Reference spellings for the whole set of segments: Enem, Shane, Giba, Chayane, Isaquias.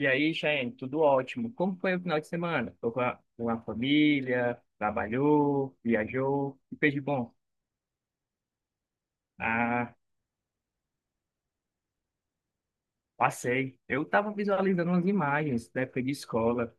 E aí, Shane, tudo ótimo. Como foi o final de semana? Foi com a família, trabalhou, viajou, e fez de bom? Ah, passei. Eu estava visualizando umas imagens da época de escola,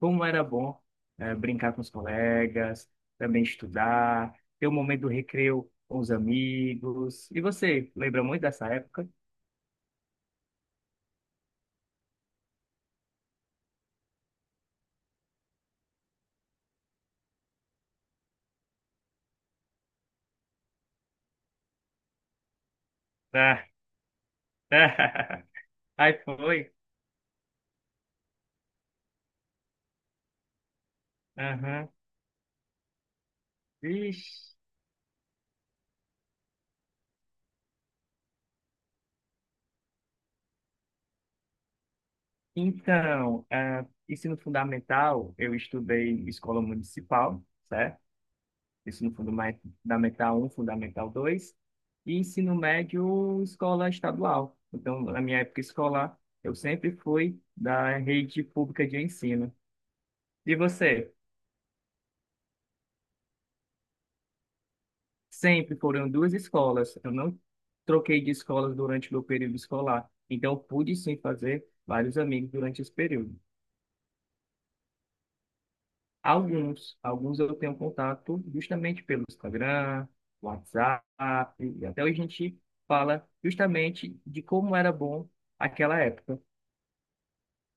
como era bom brincar com os colegas, também estudar, ter o momento do recreio com os amigos. E você, lembra muito dessa época? Ah, aí foi. Aham. Vixe. Então, ah, ensino fundamental, eu estudei em escola municipal, certo? Ensino fundamental um, fundamental 2. E ensino médio, escola estadual. Então, na minha época escolar, eu sempre fui da rede pública de ensino. E você? Sempre foram duas escolas. Eu não troquei de escolas durante meu período escolar. Então, pude sim fazer vários amigos durante esse período. Alguns eu tenho contato justamente pelo Instagram, WhatsApp, e até hoje a gente fala justamente de como era bom aquela época.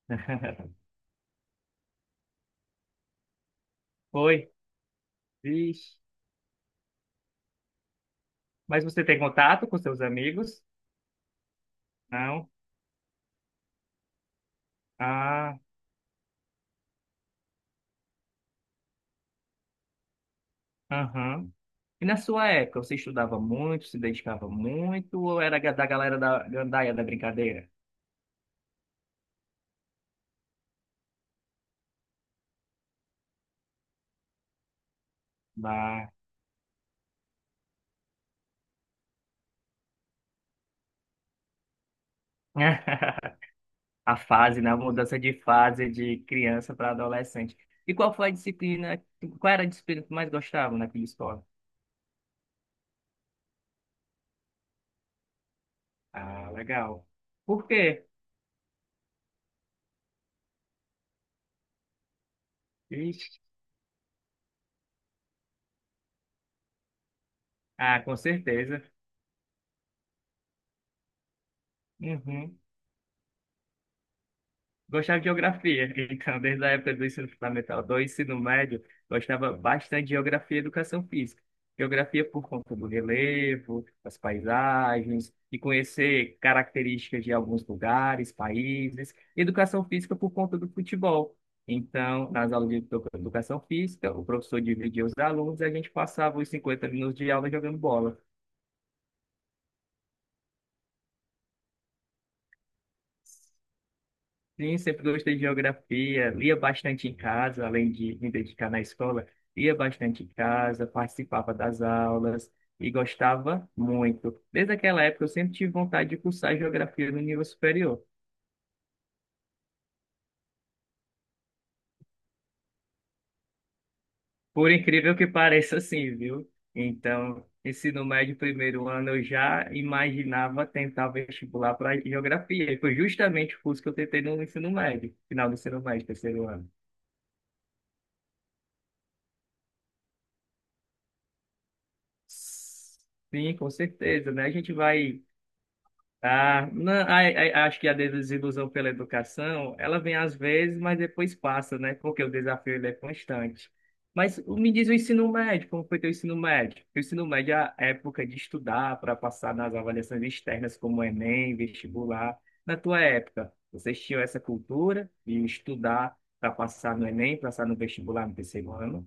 Foi? Vixe. Mas você tem contato com seus amigos? Não? Ah, aham. E na sua época, você estudava muito, se dedicava muito, ou era da galera da gandaia da brincadeira? Bah. A fase, na mudança de fase de criança para adolescente. E qual foi a disciplina, qual era a disciplina que tu mais gostava naquela escola? Ah, legal. Por quê? Ixi. Ah, com certeza. Uhum. Gostava de geografia, então, desde a época do ensino fundamental 2, ensino médio, gostava bastante de geografia e educação física. Geografia por conta do relevo, das paisagens, e conhecer características de alguns lugares, países. Educação física por conta do futebol. Então, nas aulas de educação física, o professor dividia os alunos e a gente passava os 50 minutos de aula jogando bola. Sim, sempre gostei de geografia, lia bastante em casa, além de me dedicar na escola, lia bastante em casa, participava das aulas e gostava muito. Desde aquela época eu sempre tive vontade de cursar geografia no nível superior, por incrível que pareça assim, viu? Então, ensino médio, primeiro ano, eu já imaginava tentar vestibular para geografia, e foi justamente o curso que eu tentei no ensino médio, final do ensino médio, terceiro ano. Sim, com certeza, né? A gente vai Ah, não, acho que a desilusão pela educação, ela vem às vezes, mas depois passa, né? Porque o desafio ele é constante. Mas me diz o ensino médio, como foi teu ensino médio? Porque o ensino médio é a época de estudar para passar nas avaliações externas, como Enem, vestibular. Na tua época, vocês tinham essa cultura de estudar para passar no Enem, passar no vestibular no terceiro ano?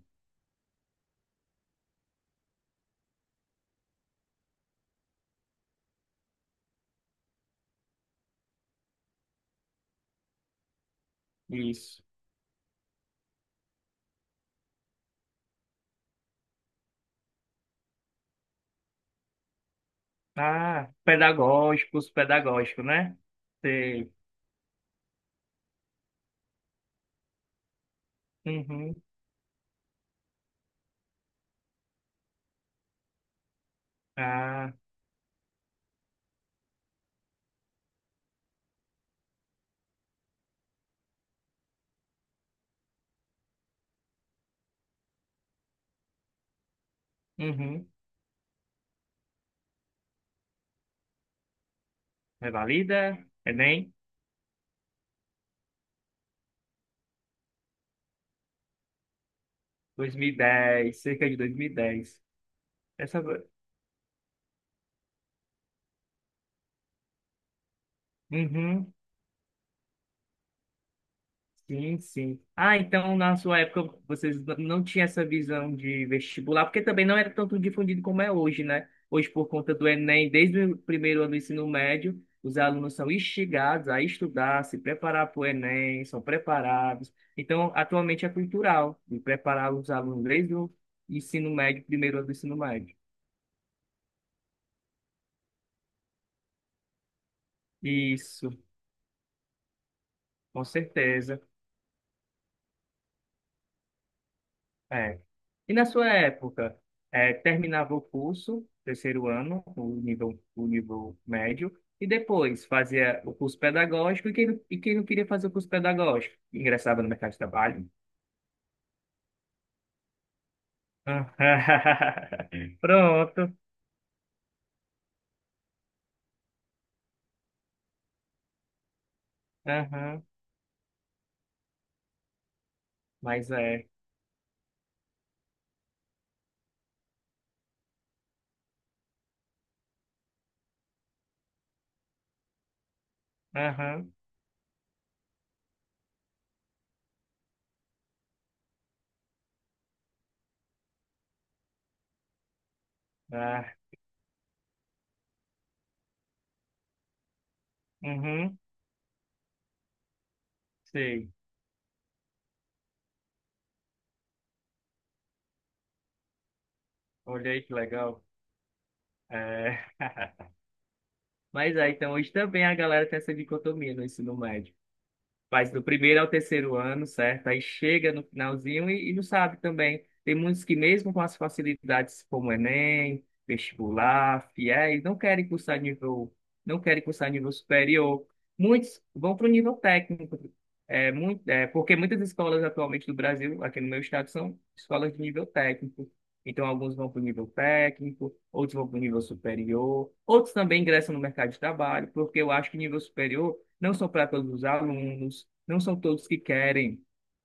Isso. Ah, pedagógicos, pedagógico, né? Sei. Uhum. Ah. Uhum. Revalida, Enem, 2010, cerca de 2010. Essa... Uhum, sim, sim. Ah, então na sua época vocês não tinham essa visão de vestibular, porque também não era tanto difundido como é hoje, né? Hoje, por conta do Enem, desde o primeiro ano do ensino médio, os alunos são instigados a estudar, se preparar para o Enem, são preparados. Então, atualmente é cultural, de preparar os alunos desde o ensino médio, primeiro ano do ensino médio. Isso, com certeza. É. E na sua época, é, terminava o curso, terceiro ano, o nível médio, e depois fazia o curso pedagógico, e quem, e quem não queria fazer o curso pedagógico? Ingressava no mercado de trabalho. Ah, Pronto. Aham. Mas é. Aham. Ah, uhum. Sei. Olhei que legal. É. Mas é, então hoje também a galera tem essa dicotomia no ensino médio. Faz do primeiro ao terceiro ano, certo? Aí chega no finalzinho e não sabe também. Tem muitos que, mesmo com as facilidades como Enem, vestibular, fiéis não querem cursar nível, não querem cursar nível superior. Muitos vão para o nível técnico. É, muito, é, porque muitas escolas atualmente do Brasil, aqui no meu estado, são escolas de nível técnico. Então, alguns vão para o nível técnico, outros vão para o nível superior, outros também ingressam no mercado de trabalho, porque eu acho que nível superior não são para todos os alunos, não são todos que querem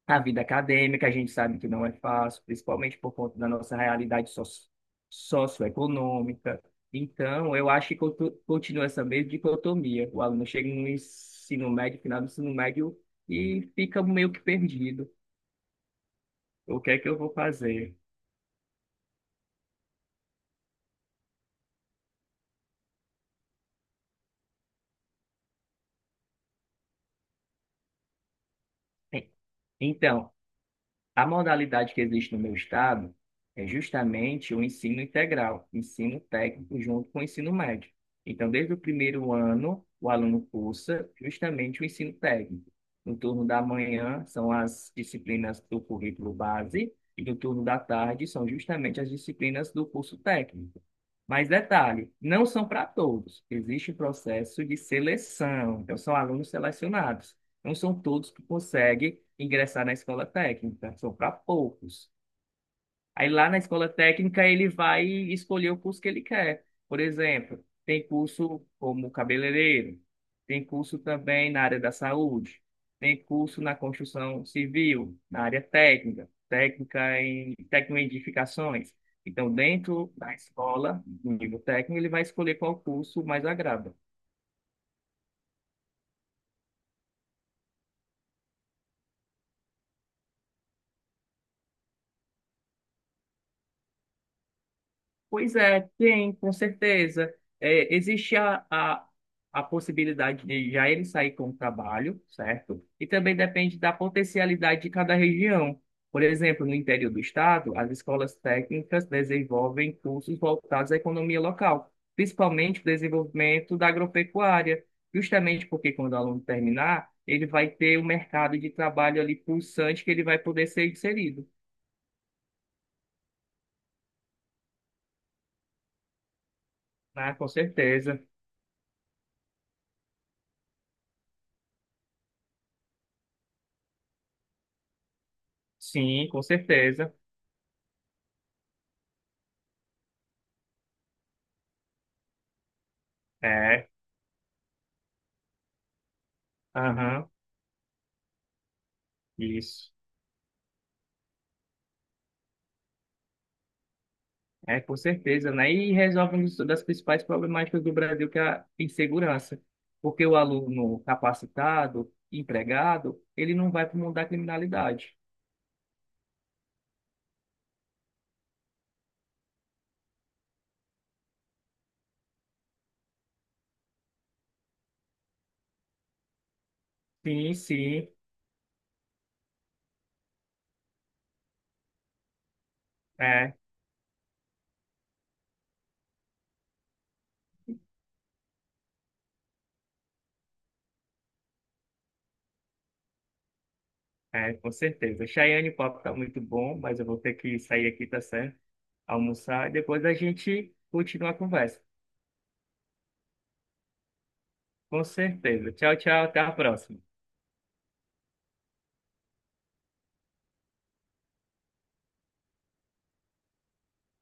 a vida acadêmica, a gente sabe que não é fácil, principalmente por conta da nossa realidade socioeconômica. Então, eu acho que continua essa mesma dicotomia. O aluno chega no ensino médio, final do ensino médio, e fica meio que perdido. O que é que eu vou fazer? Então, a modalidade que existe no meu estado é justamente o ensino integral, ensino técnico junto com o ensino médio. Então, desde o primeiro ano, o aluno cursa justamente o ensino técnico. No turno da manhã são as disciplinas do currículo base e no turno da tarde são justamente as disciplinas do curso técnico. Mas detalhe, não são para todos. Existe um processo de seleção, então são alunos selecionados. Não são todos que conseguem ingressar na escola técnica, são para poucos. Aí lá na escola técnica ele vai escolher o curso que ele quer. Por exemplo, tem curso como cabeleireiro, tem curso também na área da saúde, tem curso na construção civil, na área técnica, técnica em técnico em edificações. Então, dentro da escola, no nível técnico, ele vai escolher qual curso mais agrada. Pois é, tem, com certeza. É, existe a possibilidade de já ele sair com o trabalho, certo? E também depende da potencialidade de cada região. Por exemplo, no interior do estado, as escolas técnicas desenvolvem cursos voltados à economia local, principalmente o desenvolvimento da agropecuária, justamente porque quando o aluno terminar, ele vai ter um mercado de trabalho ali pulsante que ele vai poder ser inserido, né? Com certeza. Sim, com certeza. É. Aham, isso. É, com certeza, né? E resolve uma das principais problemáticas do Brasil, que é a insegurança. Porque o aluno capacitado, empregado, ele não vai para o mundo da criminalidade. Sim, sim, é, com certeza. Chayane, o papo tá muito bom, mas eu vou ter que sair aqui, tá certo? Almoçar e depois a gente continua a conversa. Com certeza. Tchau, tchau, até a próxima.